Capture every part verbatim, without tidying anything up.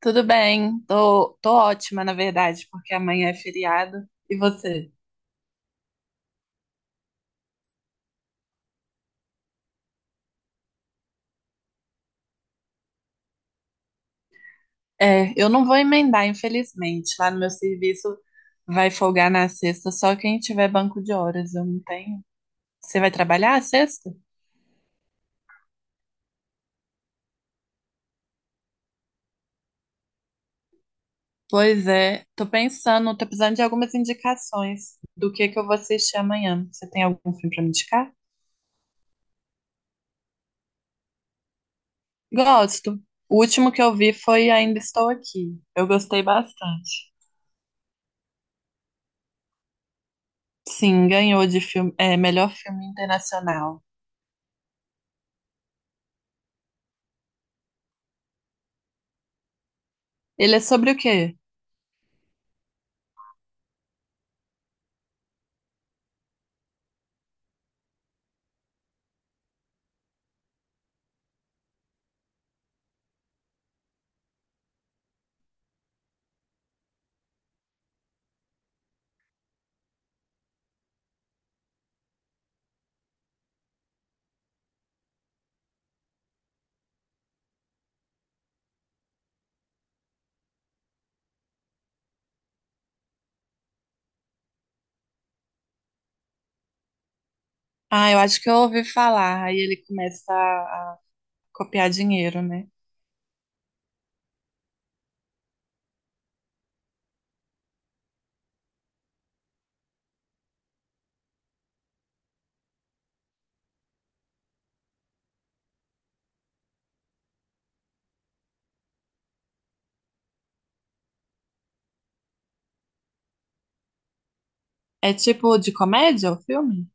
Tudo bem, tô, tô ótima, na verdade, porque amanhã é feriado. E você? É, eu não vou emendar, infelizmente. Lá no meu serviço vai folgar na sexta, só quem tiver banco de horas, eu não tenho. Você vai trabalhar a sexta? Pois é, tô pensando, tô precisando de algumas indicações do que que eu vou assistir amanhã. Você tem algum filme pra me indicar? Gosto. O último que eu vi foi Ainda Estou Aqui. Eu gostei bastante. Sim, ganhou de filme, é, melhor filme internacional. Ele é sobre o quê? Ah, eu acho que eu ouvi falar. Aí ele começa a, a copiar dinheiro, né? É tipo de comédia o filme?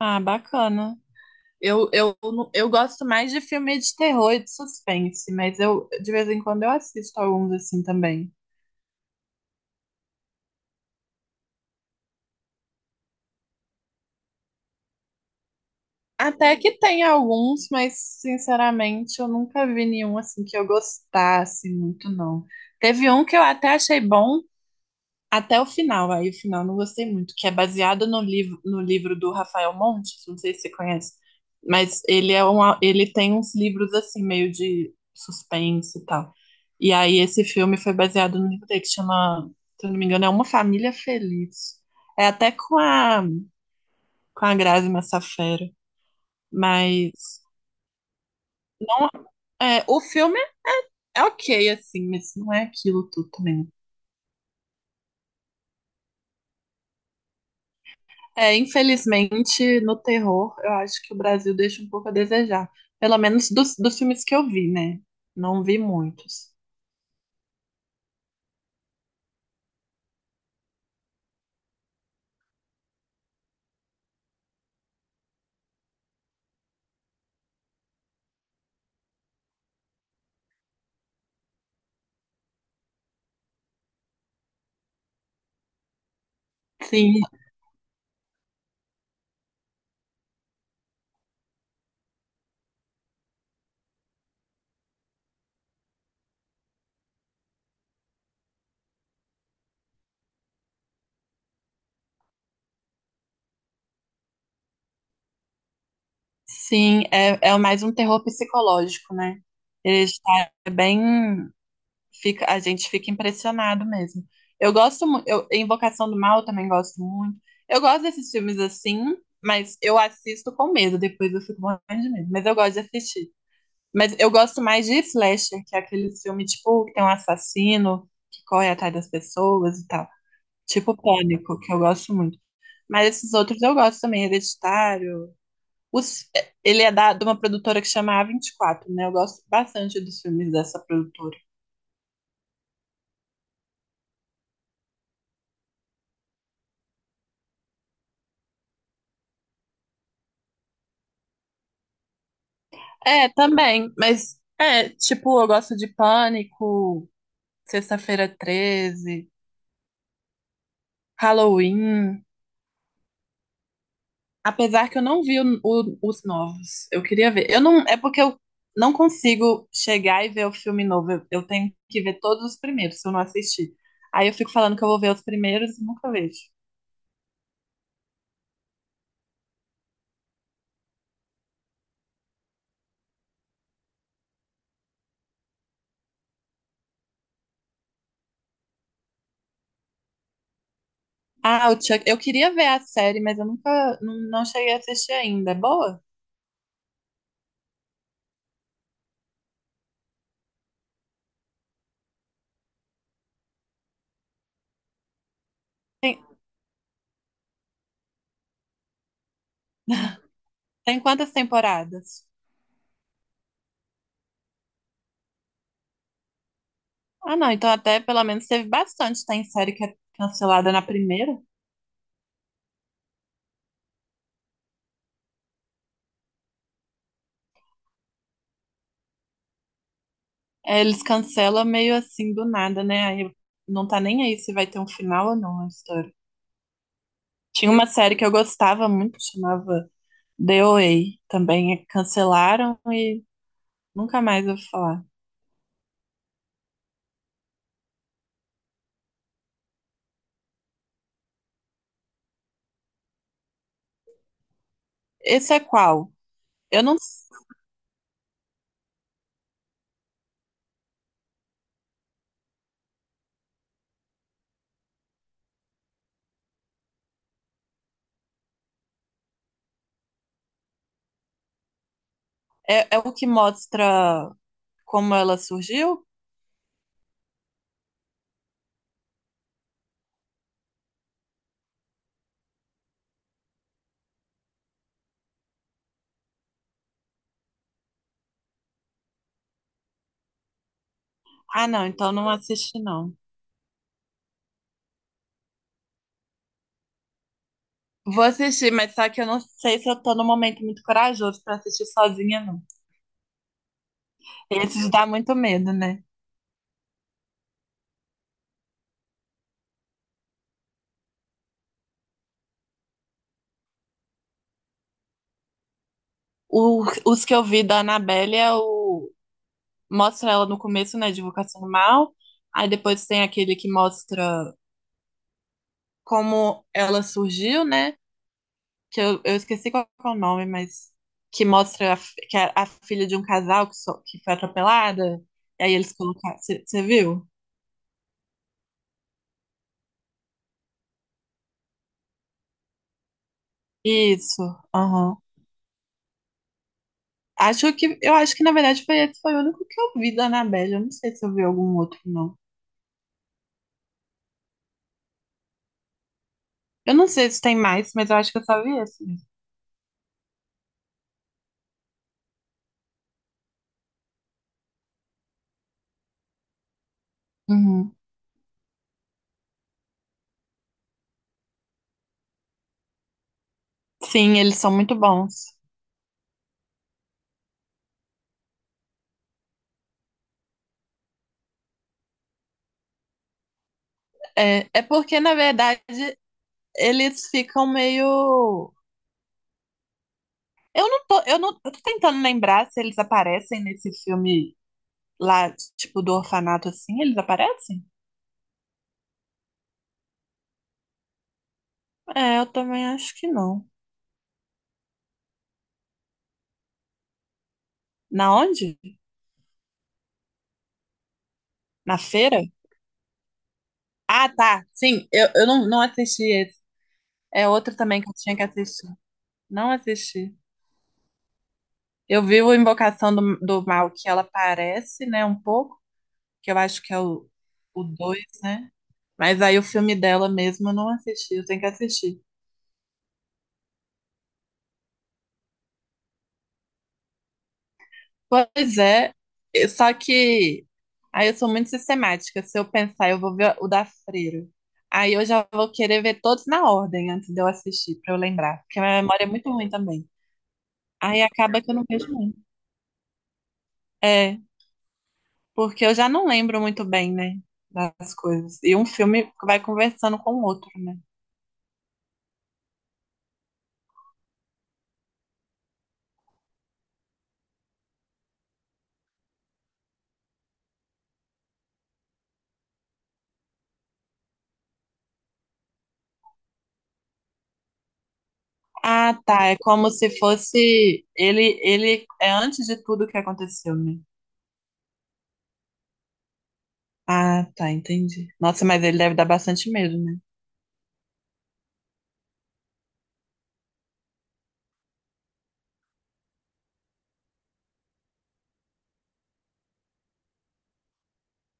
Ah, bacana. Eu, eu, não- eu gosto mais de filme de terror e de suspense, mas eu de vez em quando eu assisto alguns assim também. Até que tem alguns, mas sinceramente eu nunca vi nenhum assim que eu gostasse muito, não. Teve um que eu até achei bom, até o final, aí o final não gostei muito, que é baseado no livro, no livro do Rafael Montes, não sei se você conhece, mas ele é um, au- ele tem uns livros assim, meio de suspense e tal. E aí esse filme foi baseado no livro dele, que chama, se eu não me engano, é Uma Família Feliz. É até com a, com a Grazi Massafera, mas é, o filme é, é ok, assim, mas não é aquilo tudo também. É, infelizmente, no terror, eu acho que o Brasil deixa um pouco a desejar. Pelo menos dos, dos filmes que eu vi, né? Não vi muitos. Sim, sim, é, é mais um terror psicológico, né? Ele já é bem. Fica, a gente fica impressionado mesmo. Eu gosto muito. Eu, Invocação do Mal eu também gosto muito. Eu gosto desses filmes assim, mas eu assisto com medo. Depois eu fico morrendo de medo. Mas eu gosto de assistir. Mas eu gosto mais de Slasher, que é aquele filme, tipo, que tem um assassino que corre atrás das pessoas e tal. Tipo Pânico, que eu gosto muito. Mas esses outros eu gosto também, Hereditário. Os- ele é da, de uma produtora que chama A vinte e quatro, né? Eu gosto bastante dos filmes dessa produtora. É, também, mas é, tipo, eu gosto de Pânico, Sexta-feira treze, Halloween. Apesar que eu não vi o- o- os novos. Eu queria ver. Eu não, é porque eu não consigo chegar e ver o filme novo. Eu, eu tenho que ver todos os primeiros, se eu não assistir. Aí eu fico falando que eu vou ver os primeiros e nunca vejo. Ah, o Chuck, eu queria ver a série, mas eu nunca, não, não cheguei a assistir ainda. É boa? Tem, tem quantas temporadas? Ah, não, então até pelo menos teve bastante. Tem série que é cancelada na primeira. É, eles cancelam meio assim do nada, né? Aí não tá nem aí se vai ter um final ou não a história. Tinha uma série que eu gostava muito, chamava D O A. Também cancelaram e nunca mais eu ouvi falar. Esse é qual? Eu não. É, é o que mostra como ela surgiu? Ah, não, então não assisti, não. Vou assistir, mas só que eu não sei se eu tô num momento muito corajoso pra assistir sozinha, não. Esses dá muito medo, né? O- os que eu vi da Annabelle é o. Mostra ela no começo, né? Divulgação do mal. Aí depois tem aquele que mostra como ela surgiu, né? Que eu, eu esqueci qual é o nome, mas que mostra a, fi- que é a filha de um casal que, so- que foi atropelada. E aí eles colocaram. Você viu? Isso. Aham. Acho que eu acho que na verdade foi esse foi o único que eu vi da Annabelle. Eu não sei se eu vi algum outro, não. Eu não sei se tem mais, mas eu acho que eu só vi esse mesmo. Uhum. Sim, eles são muito bons. É, é porque, na verdade, eles ficam meio. Eu não tô, eu não, eu tô tentando lembrar se eles aparecem nesse filme lá, tipo, do orfanato assim, eles aparecem? É, eu também acho que não. Na onde? Na feira? Ah, tá. Sim, eu, eu não, não assisti esse. É outro também que eu tinha que assistir. Não assisti. Eu vi o Invocação do, do Mal, que ela aparece, né, um pouco, que eu acho que é o, o dois, né? Mas aí o filme dela mesmo eu não assisti, eu tenho que assistir. Pois é, eu- só que aí eu sou muito sistemática. Se eu pensar, eu vou ver o da Freira. Aí eu já vou querer ver todos na ordem antes de eu assistir, pra eu lembrar. Porque a minha memória é muito ruim também. Aí acaba que eu não vejo muito. É, porque eu já não lembro muito bem, né? Das coisas. E um filme vai conversando com o outro, né? Ah, tá. É como se fosse. Ele, ele é antes de tudo que aconteceu, né? Ah, tá, entendi. Nossa, mas ele deve dar bastante medo, né?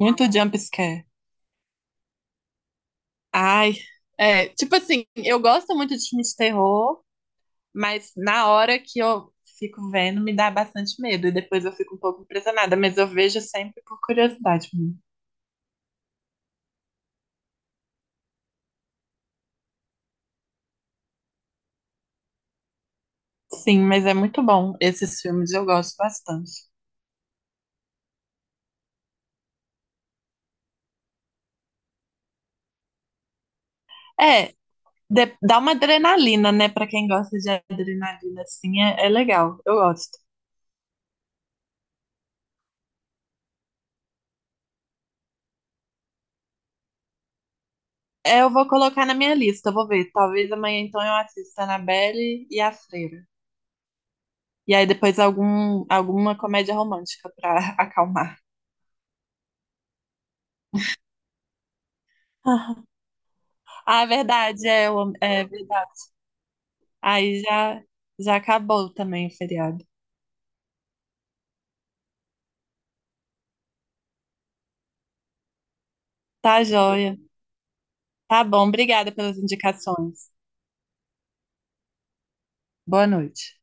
Muito jump scare. Ai, é, tipo assim, eu gosto muito de filme de terror, mas na hora que eu fico vendo me dá bastante medo e depois eu fico um pouco impressionada, mas eu vejo sempre por curiosidade mesmo. Sim, mas é muito bom. Esses filmes eu gosto bastante. É, de- dá uma adrenalina, né? Pra quem gosta de adrenalina, assim, é, é legal. Eu gosto. É, eu vou colocar na minha lista, eu vou ver. Talvez amanhã então eu assista Annabelle e A Freira. E aí depois algum, alguma comédia romântica pra acalmar. Ah, é verdade, é, o- é verdade. Aí já, já acabou também o feriado. Tá joia. Tá bom, obrigada pelas indicações. Boa noite.